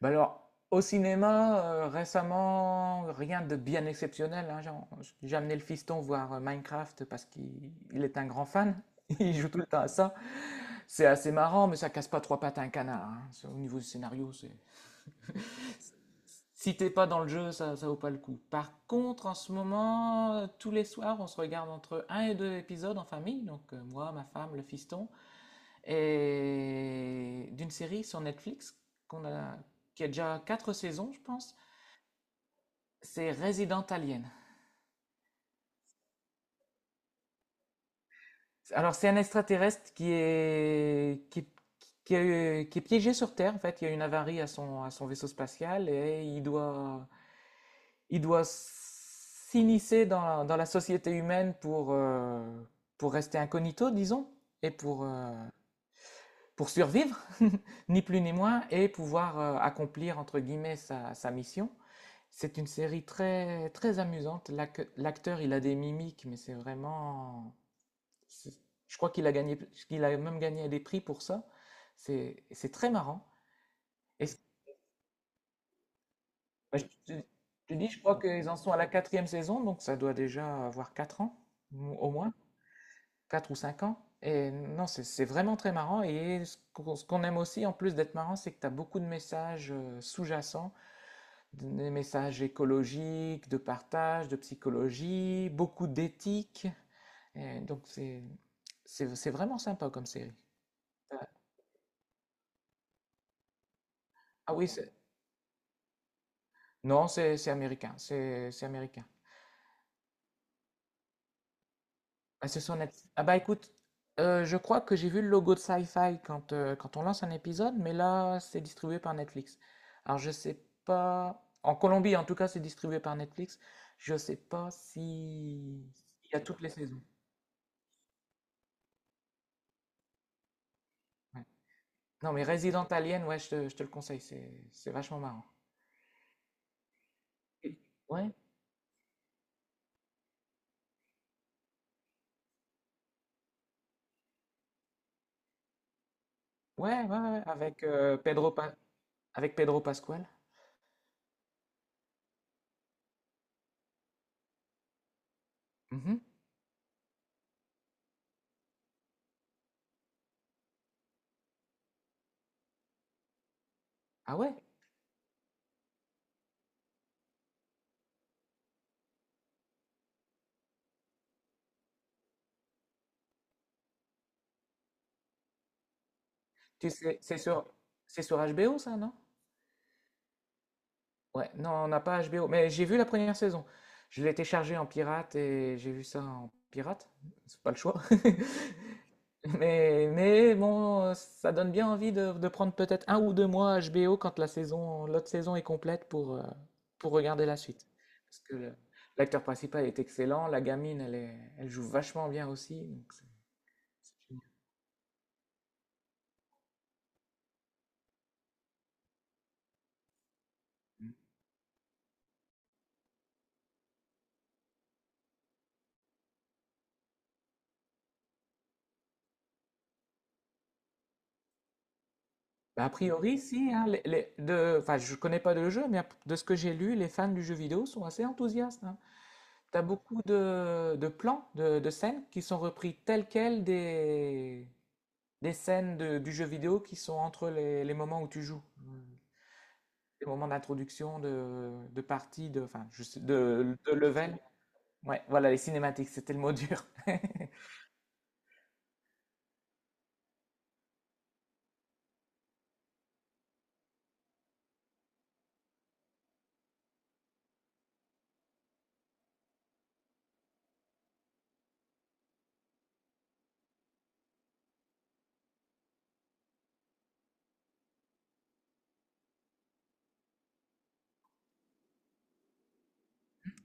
Bah, alors, au cinéma, récemment, rien de bien exceptionnel, hein. J'ai amené le fiston voir, Minecraft parce qu'il il est un grand fan. Il joue tout le temps à ça. C'est assez marrant, mais ça casse pas trois pattes à un canard, hein. C'est au niveau du scénario, c'est si t'es pas dans le jeu, ça vaut pas le coup. Par contre, en ce moment, tous les soirs, on se regarde entre un et 2 épisodes en famille, donc moi, ma femme, le fiston et d'une série sur Netflix qu'on a qui a déjà 4 saisons, je pense. C'est Resident Alien. Alors, c'est un extraterrestre qui est piégé sur Terre. En fait, il y a une avarie à son vaisseau spatial et il doit s'immiscer dans la société humaine pour rester incognito, disons, et pour survivre, ni plus ni moins, et pouvoir accomplir, entre guillemets, sa mission. C'est une série très, très amusante. L'acteur, il a des mimiques, mais c'est vraiment. C'est- Je crois qu'il a gagné, qu'il a même gagné des prix pour ça. C'est très marrant. Et c'est- Bah, je te dis, je crois qu'ils en sont à la quatrième saison, donc ça doit déjà avoir 4 ans, au moins, 4 ou 5 ans. Et non, c'est vraiment très marrant. Et ce qu'on aime aussi, en plus d'être marrant, c'est que tu as beaucoup de messages sous-jacents, des messages écologiques, de partage, de psychologie, beaucoup d'éthique. Et donc c'est vraiment sympa comme série. Euh, Ah oui, Non, c'est américain, c'est américain. Ah, c'est sur Netflix. Ah bah écoute, je crois que j'ai vu le logo de Sci-Fi quand, quand on lance un épisode, mais là, c'est distribué par Netflix. Alors je sais pas. En Colombie, en tout cas, c'est distribué par Netflix. Je sais pas si. Il y a toutes les saisons. Ouais. Non, mais Resident Alien, ouais, je te le conseille, c'est vachement marrant. Et- Ouais, ouais, ouais, ouais, avec Pedro Pascal. Mhm. Ah ouais? Tu sais, c'est sur HBO, ça, non? Ouais, non, on n'a pas HBO, mais j'ai vu la première saison. Je l'ai téléchargé en pirate et j'ai vu ça en pirate. C'est pas le choix. Mais bon, ça donne bien envie de prendre peut-être un ou deux mois HBO quand l'autre saison est complète pour regarder la suite. Parce que l'acteur principal est excellent, la gamine, elle joue vachement bien aussi. Donc Bah, a priori, si, hein, enfin, je connais pas le jeu, mais de ce que j'ai lu, les fans du jeu vidéo sont assez enthousiastes. Hein. T'as beaucoup de plans, de scènes qui sont repris tels quels des scènes du jeu vidéo qui sont entre les moments où tu joues. Les moments d'introduction, de partie, de, enfin, je sais- de level. Ouais, voilà, les cinématiques, c'était le mot dur.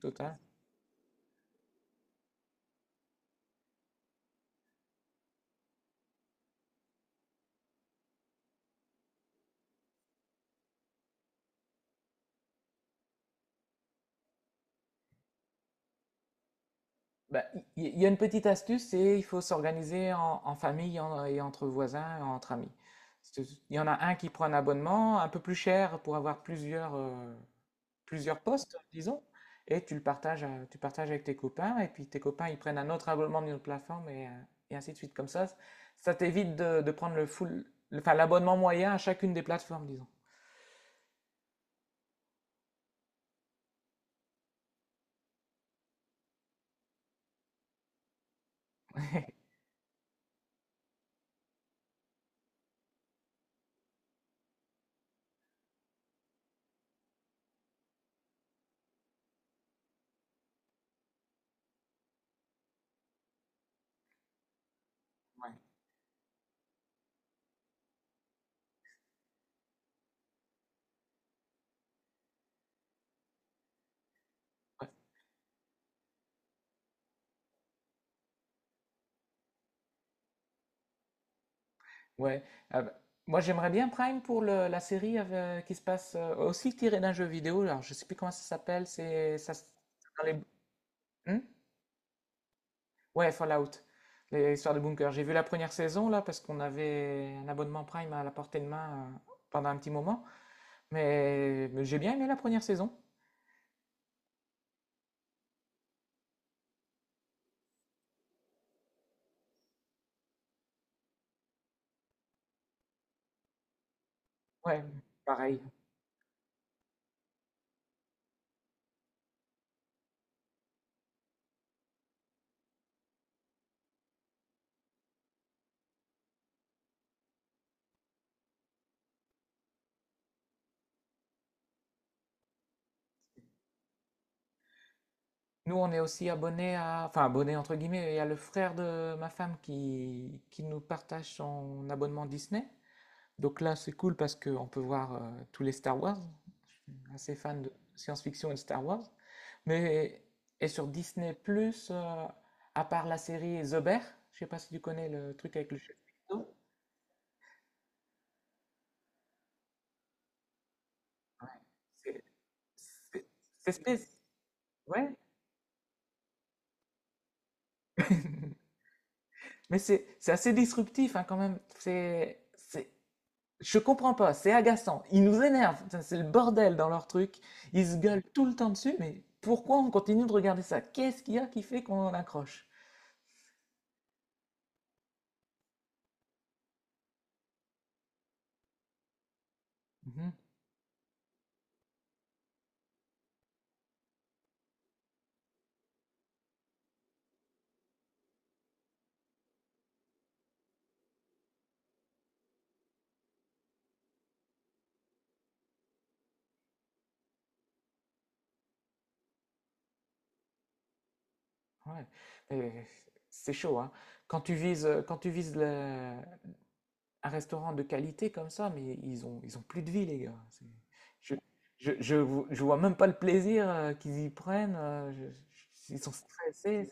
Total. Bah, il y a une petite astuce, c'est il faut s'organiser en famille et entre voisins, et entre amis. C'est- Il y en a un qui prend un abonnement un peu plus cher pour avoir plusieurs postes, disons, et tu partages avec tes copains, et puis tes copains, ils prennent un autre abonnement d'une autre plateforme, et ainsi de suite. Comme ça t'évite de prendre le full, enfin, l'abonnement moyen à chacune des plateformes, disons. Ouais, ouais. Ouais. Ah bah, moi, j'aimerais bien Prime pour la série qui se passe aussi tirée d'un jeu vidéo. Alors, je sais plus comment ça s'appelle. C'est ça. Dans les. Hmm. Ouais, Fallout, l'histoire de Bunker. J'ai vu la première saison, là, parce qu'on avait un abonnement Prime à la portée de main pendant un petit moment. Mais j'ai bien aimé la première saison. Ouais, pareil. Nous, on est aussi abonnés à, enfin, abonnés entre guillemets. Il y a le frère de ma femme qui nous partage son abonnement Disney. Donc là, c'est cool parce qu'on peut voir tous les Star Wars. Assez fan de science-fiction et de Star Wars. Mais et sur Disney+, Plus, à part la série The Bear, je sais pas si tu connais le truc avec le chef McDo, c'est c'est- c'est spéc- ouais. Mais c'est assez disruptif hein, quand même. C'est Je comprends pas, c'est agaçant. Ils nous énervent. Putain, c'est le bordel dans leur truc. Ils se gueulent tout le temps dessus, mais pourquoi on continue de regarder ça? Qu'est-ce qu'il y a qui fait qu'on en accroche? Mhm, ouais. Mais c'est chaud, hein. Quand tu vises un restaurant de qualité comme ça, mais ils ont plus de vie, les gars. Je, je vois même pas le plaisir qu'ils y prennent. Ils sont stressés.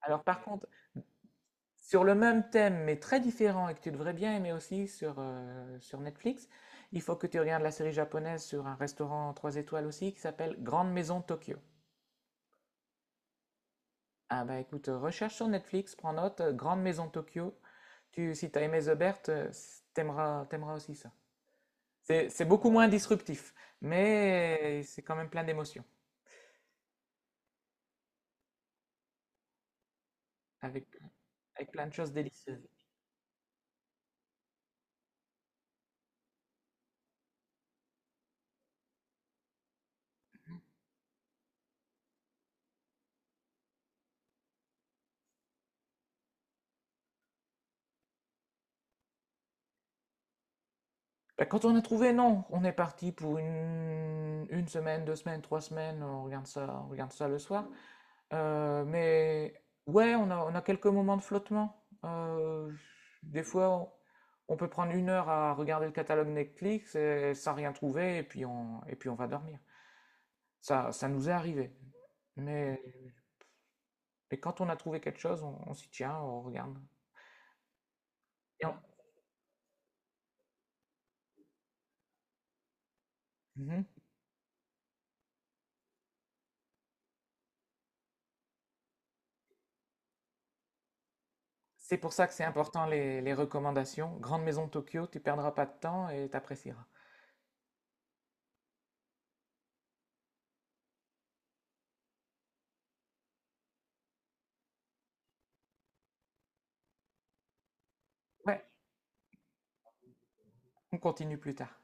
Alors, par contre, sur le même thème, mais très différent, et que tu devrais bien aimer aussi sur Netflix, il faut que tu regardes la série japonaise sur un restaurant 3 étoiles aussi qui s'appelle Grande Maison Tokyo. Ah bah écoute, recherche sur Netflix, prends note, Grande Maison Tokyo. Si t'as aimé The Bert, t'aimeras aussi ça. C'est beaucoup moins disruptif, mais c'est quand même plein d'émotions, avec, avec plein de choses délicieuses. Bah, quand on a trouvé, non, on est parti pour une semaine, deux semaines, trois semaines, on regarde ça le soir. Mais ouais, on a quelques moments de flottement. Des fois, on peut prendre une heure à regarder le catalogue Netflix et, sans rien trouver, et puis on va dormir. Ça nous est arrivé. Mais quand on a trouvé quelque chose, on s'y tient, on regarde. Et on- Mhm. C'est pour ça que c'est important les recommandations. Grande Maison de Tokyo, tu perdras pas de temps et t'apprécieras. Ouais, on continue plus tard.